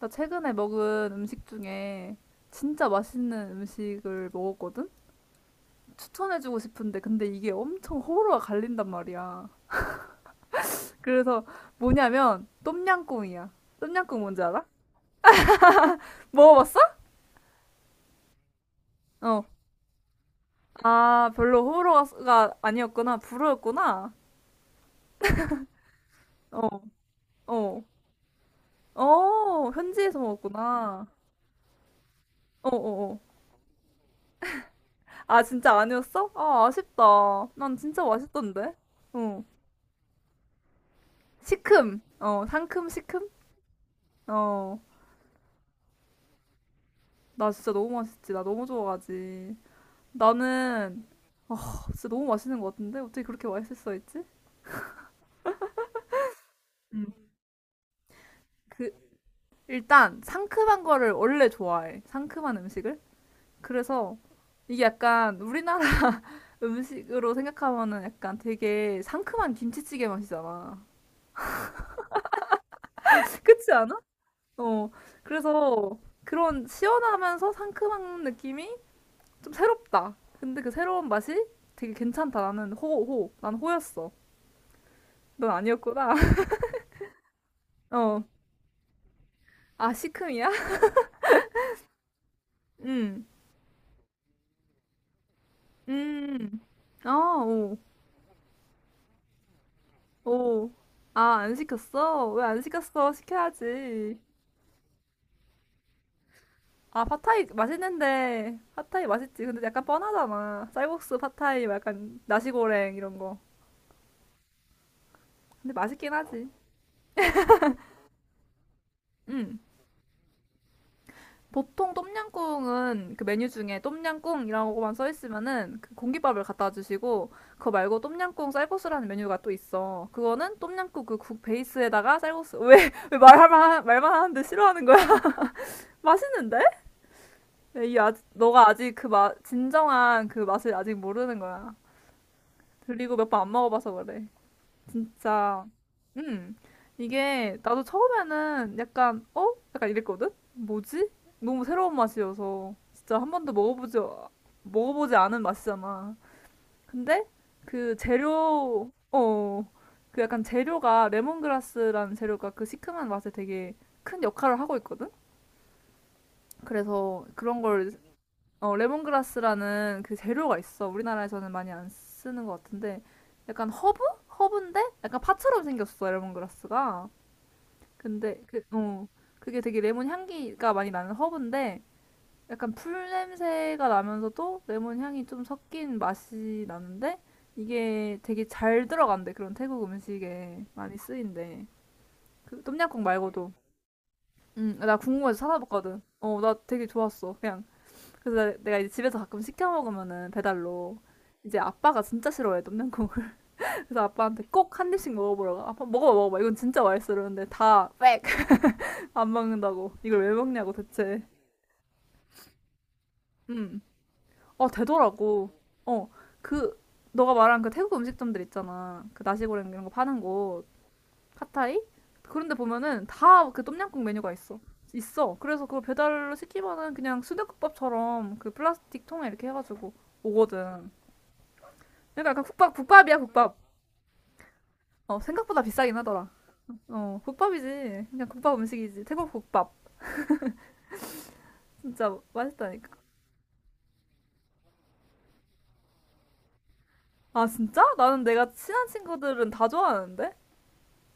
나 최근에 먹은 음식 중에 진짜 맛있는 음식을 먹었거든? 추천해주고 싶은데, 근데 이게 엄청 호불호가 갈린단 말이야. 그래서 뭐냐면, 똠양꿍이야. 똠양꿍 뭔지 알아? 먹어봤어? 어. 아, 별로 호불호가 아니었구나. 불호였구나. 어, 어. 어, 현지에서 먹었구나. 어, 어, 어. 아, 진짜 아니었어? 아, 아쉽다. 난 진짜 맛있던데. 어. 시큼. 어, 상큼, 시큼? 어. 나 진짜 너무 맛있지. 나 너무 좋아하지. 나는 아, 진짜 너무 맛있는 것 같은데? 어떻게 그렇게 맛있을 수가 있지? 음. 그, 일단 상큼한 거를 원래 좋아해. 상큼한 음식을. 그래서 이게 약간 우리나라 음식으로 생각하면은 약간 되게 상큼한 김치찌개 맛이잖아. 그렇지 않아? 어. 그래서 그런 시원하면서 상큼한 느낌이 좀 새롭다. 근데 그 새로운 맛이 되게 괜찮다. 나는 호, 호. 난 호였어. 넌 아니었구나. 어. 아, 시큼이야? 응, 음. 아, 오, 오. 아, 안 시켰어? 왜 안 시켰어? 시켜야지. 아, 팟타이 맛있는데. 팟타이 맛있지. 근데 약간 뻔하잖아. 쌀국수, 팟타이, 뭐 약간 나시고랭 이런 거. 근데 맛있긴 하지. 응, 보통 똠양꿍은 그 메뉴 중에 똠양꿍이라고만 써 있으면은 그 공깃밥을 갖다 주시고, 그거 말고 똠양꿍 쌀국수라는 메뉴가 또 있어. 그거는 똠양꿍 그 국 베이스에다가 쌀국수, 왜 말만 말만 하는데 싫어하는 거야? 맛있는데? 야, 이 아직 너가 아직 그 맛 진정한 그 맛을 아직 모르는 거야. 그리고 몇 번 안 먹어봐서 그래. 진짜, 음, 이게 나도 처음에는 약간, 어? 약간 이랬거든? 뭐지? 너무 새로운 맛이어서 진짜 한 번도 먹어보지, 먹어보지 않은 맛이잖아. 근데 그 재료, 어, 그 약간 재료가 레몬그라스라는 재료가 그 시큼한 맛에 되게 큰 역할을 하고 있거든? 그래서 그런 걸, 어, 레몬그라스라는 그 재료가 있어. 우리나라에서는 많이 안 쓰는 것 같은데 약간 허브? 허브인데 약간 파처럼 생겼어, 레몬그라스가. 근데 그, 어, 그게 되게 레몬 향기가 많이 나는 허브인데 약간 풀 냄새가 나면서도 레몬 향이 좀 섞인 맛이 나는데 이게 되게 잘 들어간대. 그런 태국 음식에 많이 쓰인대. 그 똠양꿍 말고도. 응, 나 궁금해서 찾아봤거든. 어, 나 되게 좋았어. 그냥, 그래서 내가 이제 집에서 가끔 시켜 먹으면은 배달로, 이제 아빠가 진짜 싫어해 똠양꿍을. 그래서 아빠한테 꼭 한 입씩 먹어보라고 아빠 먹어봐 먹어봐 이건 진짜 맛있어 그러는데 다 빽! 안 먹는다고 이걸 왜 먹냐고 대체. 음아, 되더라고. 어, 그, 너가 말한 그 태국 음식점들 있잖아, 그 나시고랭 이런 거 파는 곳, 파타이, 그런데 보면은 다 그 똠양꿍 메뉴가 있어. 있어. 그래서 그걸 배달로 시키면은 그냥 순댓국밥처럼 그 플라스틱 통에 이렇게 해가지고 오거든. 그러니까 약간 국밥, 국밥이야 국밥. 어, 생각보다 비싸긴 하더라. 어, 국밥이지. 그냥 국밥 음식이지. 태국 국밥. 진짜 맛있다니까. 아, 진짜? 나는 내가 친한 친구들은 다 좋아하는데,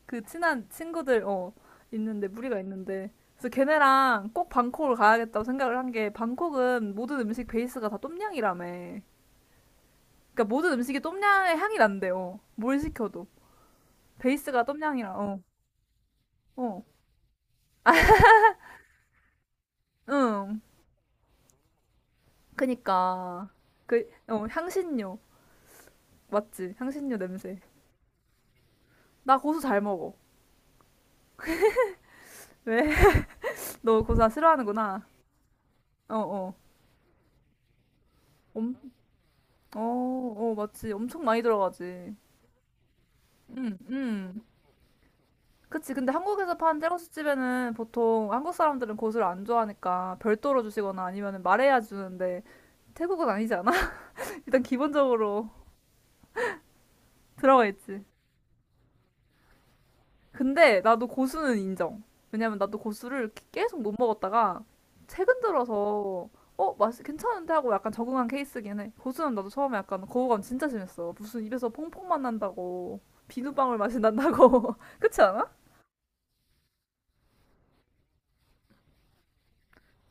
그 친한 친구들 어, 있는데, 무리가 있는데, 그래서 걔네랑 꼭 방콕을 가야겠다고 생각을 한게 방콕은 모든 음식 베이스가 다 똠양이라며. 그러니까 모든 음식이 똠양의 향이 난대요. 뭘 시켜도 베이스가 똠양이라. 어. 어. 응. 그니까 그 어 향신료 맞지? 향신료 냄새. 나 고수 잘 먹어. 왜? 너 고수 다 싫어하는구나. 어, 어. 엄, 어, 어, 맞지. 엄청 많이 들어가지. 응, 응. 그치. 근데 한국에서 파는 쌀국수집에는 보통 한국 사람들은 고수를 안 좋아하니까 별도로 주시거나 아니면 말해야 주는데, 태국은 아니지 않아? 일단 기본적으로 들어가 있지. 근데 나도 고수는 인정. 왜냐면 나도 고수를 계속 못 먹었다가 최근 들어서 어, 맛이 괜찮은데 하고 약간 적응한 케이스긴 해. 고수는 나도 처음에 약간 거부감 진짜 심했어. 무슨 입에서 퐁퐁만 난다고. 비누방울 맛이 난다고. 그렇지 않아?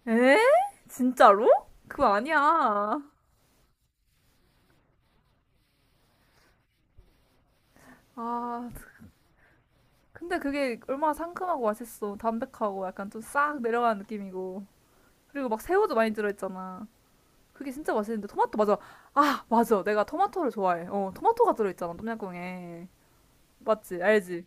에? 진짜로? 그거 아니야. 아, 근데 그게 얼마나 상큼하고 맛있어. 담백하고 약간 좀 싹 내려가는 느낌이고. 그리고 막 새우도 많이 들어있잖아. 그게 진짜 맛있는데 토마토 맞아. 아, 맞아. 내가 토마토를 좋아해. 어, 토마토가 들어있잖아, 똠양꿍에. 맞지? 알지?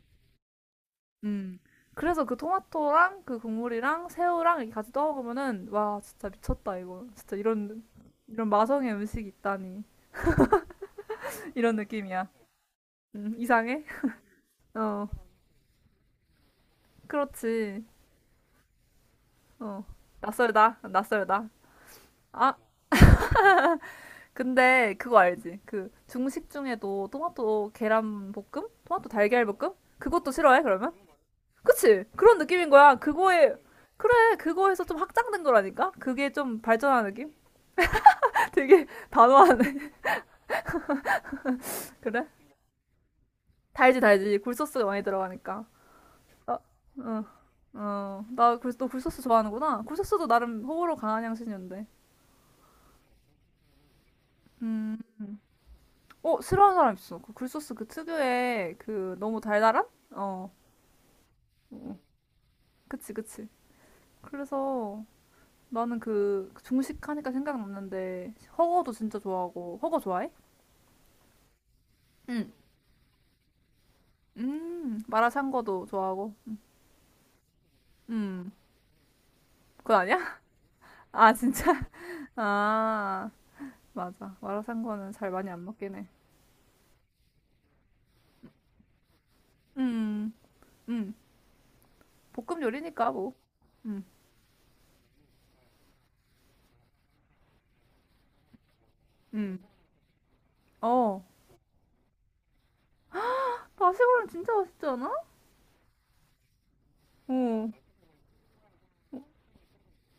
음. 그래서 그 토마토랑 그 국물이랑 새우랑 이렇게 같이 떠 먹으면은 와, 진짜 미쳤다 이거. 진짜 이런, 이런 마성의 음식이 있다니. 이런 느낌이야. 이상해? 어. 그렇지. 어. 낯설다. 낯설다. 아, 근데 그거 알지? 그 중식 중에도 토마토 계란 볶음? 토마토 달걀 볶음? 그것도 싫어해, 그러면? 그치? 그런 느낌인 거야. 그거에, 그래, 그거에서 좀 확장된 거라니까? 그게 좀 발전한 느낌? 되게 단호하네. 그래? 달지, 달지. 굴소스가 많이 들어가니까. 어, 어, 어. 나, 굴, 너 굴소스 좋아하는구나. 굴소스도 나름 호불호 강한 향신료인데. 음, 어, 싫어하는 사람 있어. 그 굴소스 그 특유의 그 너무 달달한? 어, 그치, 그치. 그래서 나는 그 중식하니까 생각났는데, 허거도 진짜 좋아하고, 허거 좋아해? 응. 마라샹궈도 좋아하고. 음, 그건 아니야? 아, 진짜? 아, 맞아. 마라샹궈는 잘 많이 안 먹긴 해. 음, 음, 볶음 요리니까 뭐. 음, 음. 어, 나시고랑 진짜 맛있지 않아? 어,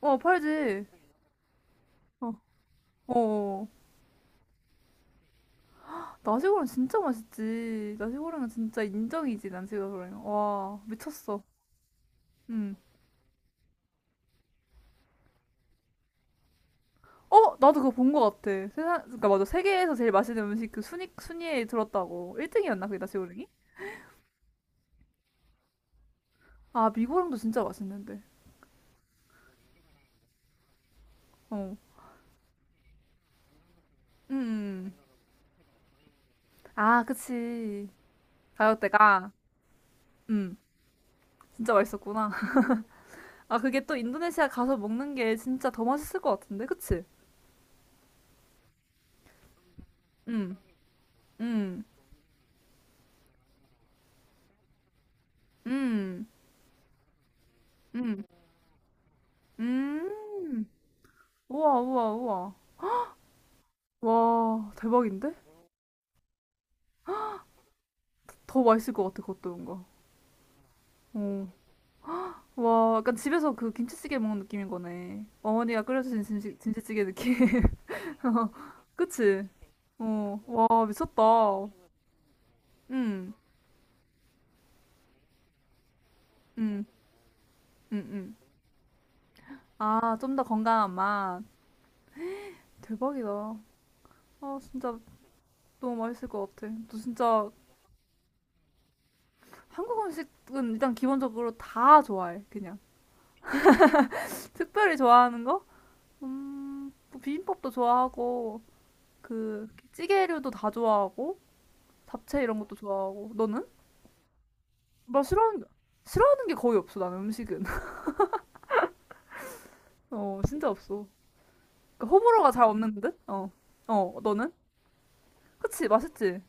어, 팔지. 어, 어. 나시고랑 진짜 맛있지. 나시고랑은 진짜 인정이지, 나시고랑. 와, 미쳤어. 음. 어, 나도 그거 본 거 같아. 세상, 그니까 맞아. 세계에서 제일 맛있는 음식 그 순위, 순위에 들었다고. 1등이었나, 그게 나시고랑이? 아, 미고랑도 진짜 맛있는데. 어. 음. 음. 아, 그치. 가격대가. 음, 진짜 맛있었구나. 아, 그게 또 인도네시아 가서 먹는 게 진짜 더 맛있을 것 같은데, 그치? 음, 음, 음, 음, 음. 우와, 우와, 우와. 와, 대박인데? 더 맛있을 것 같아, 그것도 뭔가. 어. 와, 약간 집에서 그 김치찌개 먹는 느낌인 거네. 어머니가 끓여주신 김치, 김치찌개 느낌. 그치? 어, 와, 미쳤다. 음. 응, 응, 응. 아, 좀 더 건강한 맛. 대박이다. 아, 진짜 너무 맛있을 것 같아. 너 진짜, 한국 음식은 일단 기본적으로 다 좋아해, 그냥. 특별히 좋아하는 거? 음, 뭐 비빔밥도 좋아하고, 그, 찌개류도 다 좋아하고, 잡채 이런 것도 좋아하고. 너는? 뭐 싫어하는 게, 싫어하는 게 거의 없어, 나는 음식은. 어, 진짜 없어. 그 호불호가 잘 없는 듯? 어. 어, 너는? 그치, 맛있지?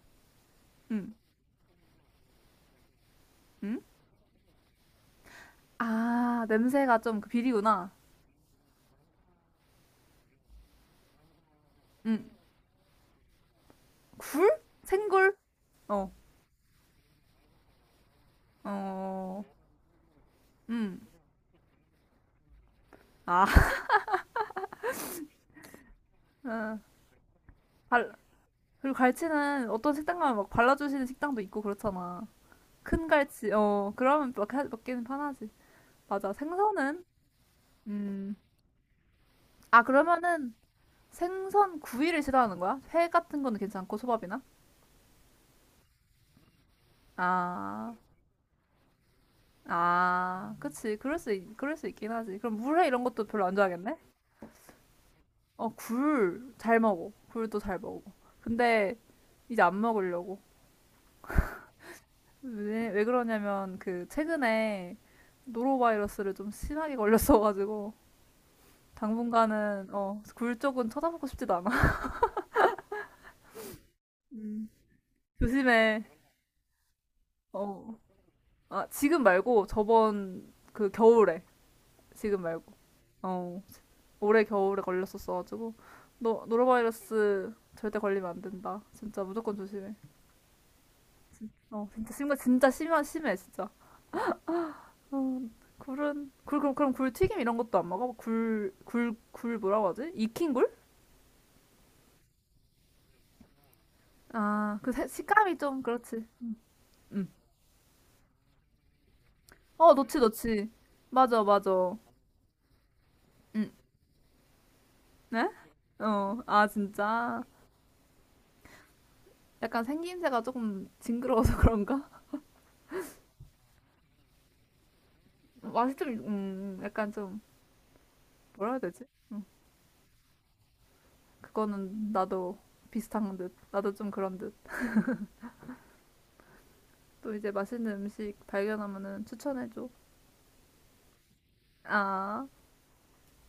응. 응? 아, 냄새가 좀 그 비리구나. 음, 굴? 생굴? 어, 어, 음, 아, 음, 발, 그리고 갈치는 어떤 식당 가면 막 발라주시는 식당도 있고 그렇잖아. 큰 갈치, 어, 그러면 막 먹기는 편하지. 맞아, 생선은? 음, 아, 그러면은 생선 구이를 싫어하는 거야? 회 같은 거는 괜찮고, 소밥이나? 아, 아, 그치. 그럴 수, 그럴 수 있긴 하지. 그럼 물회 이런 것도 별로 안 좋아하겠네? 어, 굴 잘 먹어. 굴도 잘 먹어. 근데 이제 안 먹으려고. 왜, 왜 그러냐면 그 최근에 노로바이러스를 좀 심하게 걸렸어가지고 당분간은 어, 굴 쪽은 쳐다보고 싶지도 않아. 음. 조심해. 어. 아, 지금 말고 저번 그 겨울에, 지금 말고. 어. 올해 겨울에 걸렸었어 가지고 너 노로바이러스 절대 걸리면 안 된다. 진짜 무조건 조심해. 어, 진짜 심각 진짜 심한 심해 진짜. 어. 굴은 굴 그럼 굴 튀김 이런 것도 안 먹어? 굴 뭐라고 하지? 익힌 굴? 아, 그 식감이 좀 그렇지. 응. 어, 넣지, 넣지. 맞아, 맞아. 응. 네? 어, 아, 진짜. 약간 생김새가 조금 징그러워서 그런가? 맛이 좀, 약간 좀, 뭐라 해야 되지? 음. 그거는 나도 비슷한 듯. 나도 좀 그런 듯. 또 이제 맛있는 음식 발견하면은 추천해줘. 아.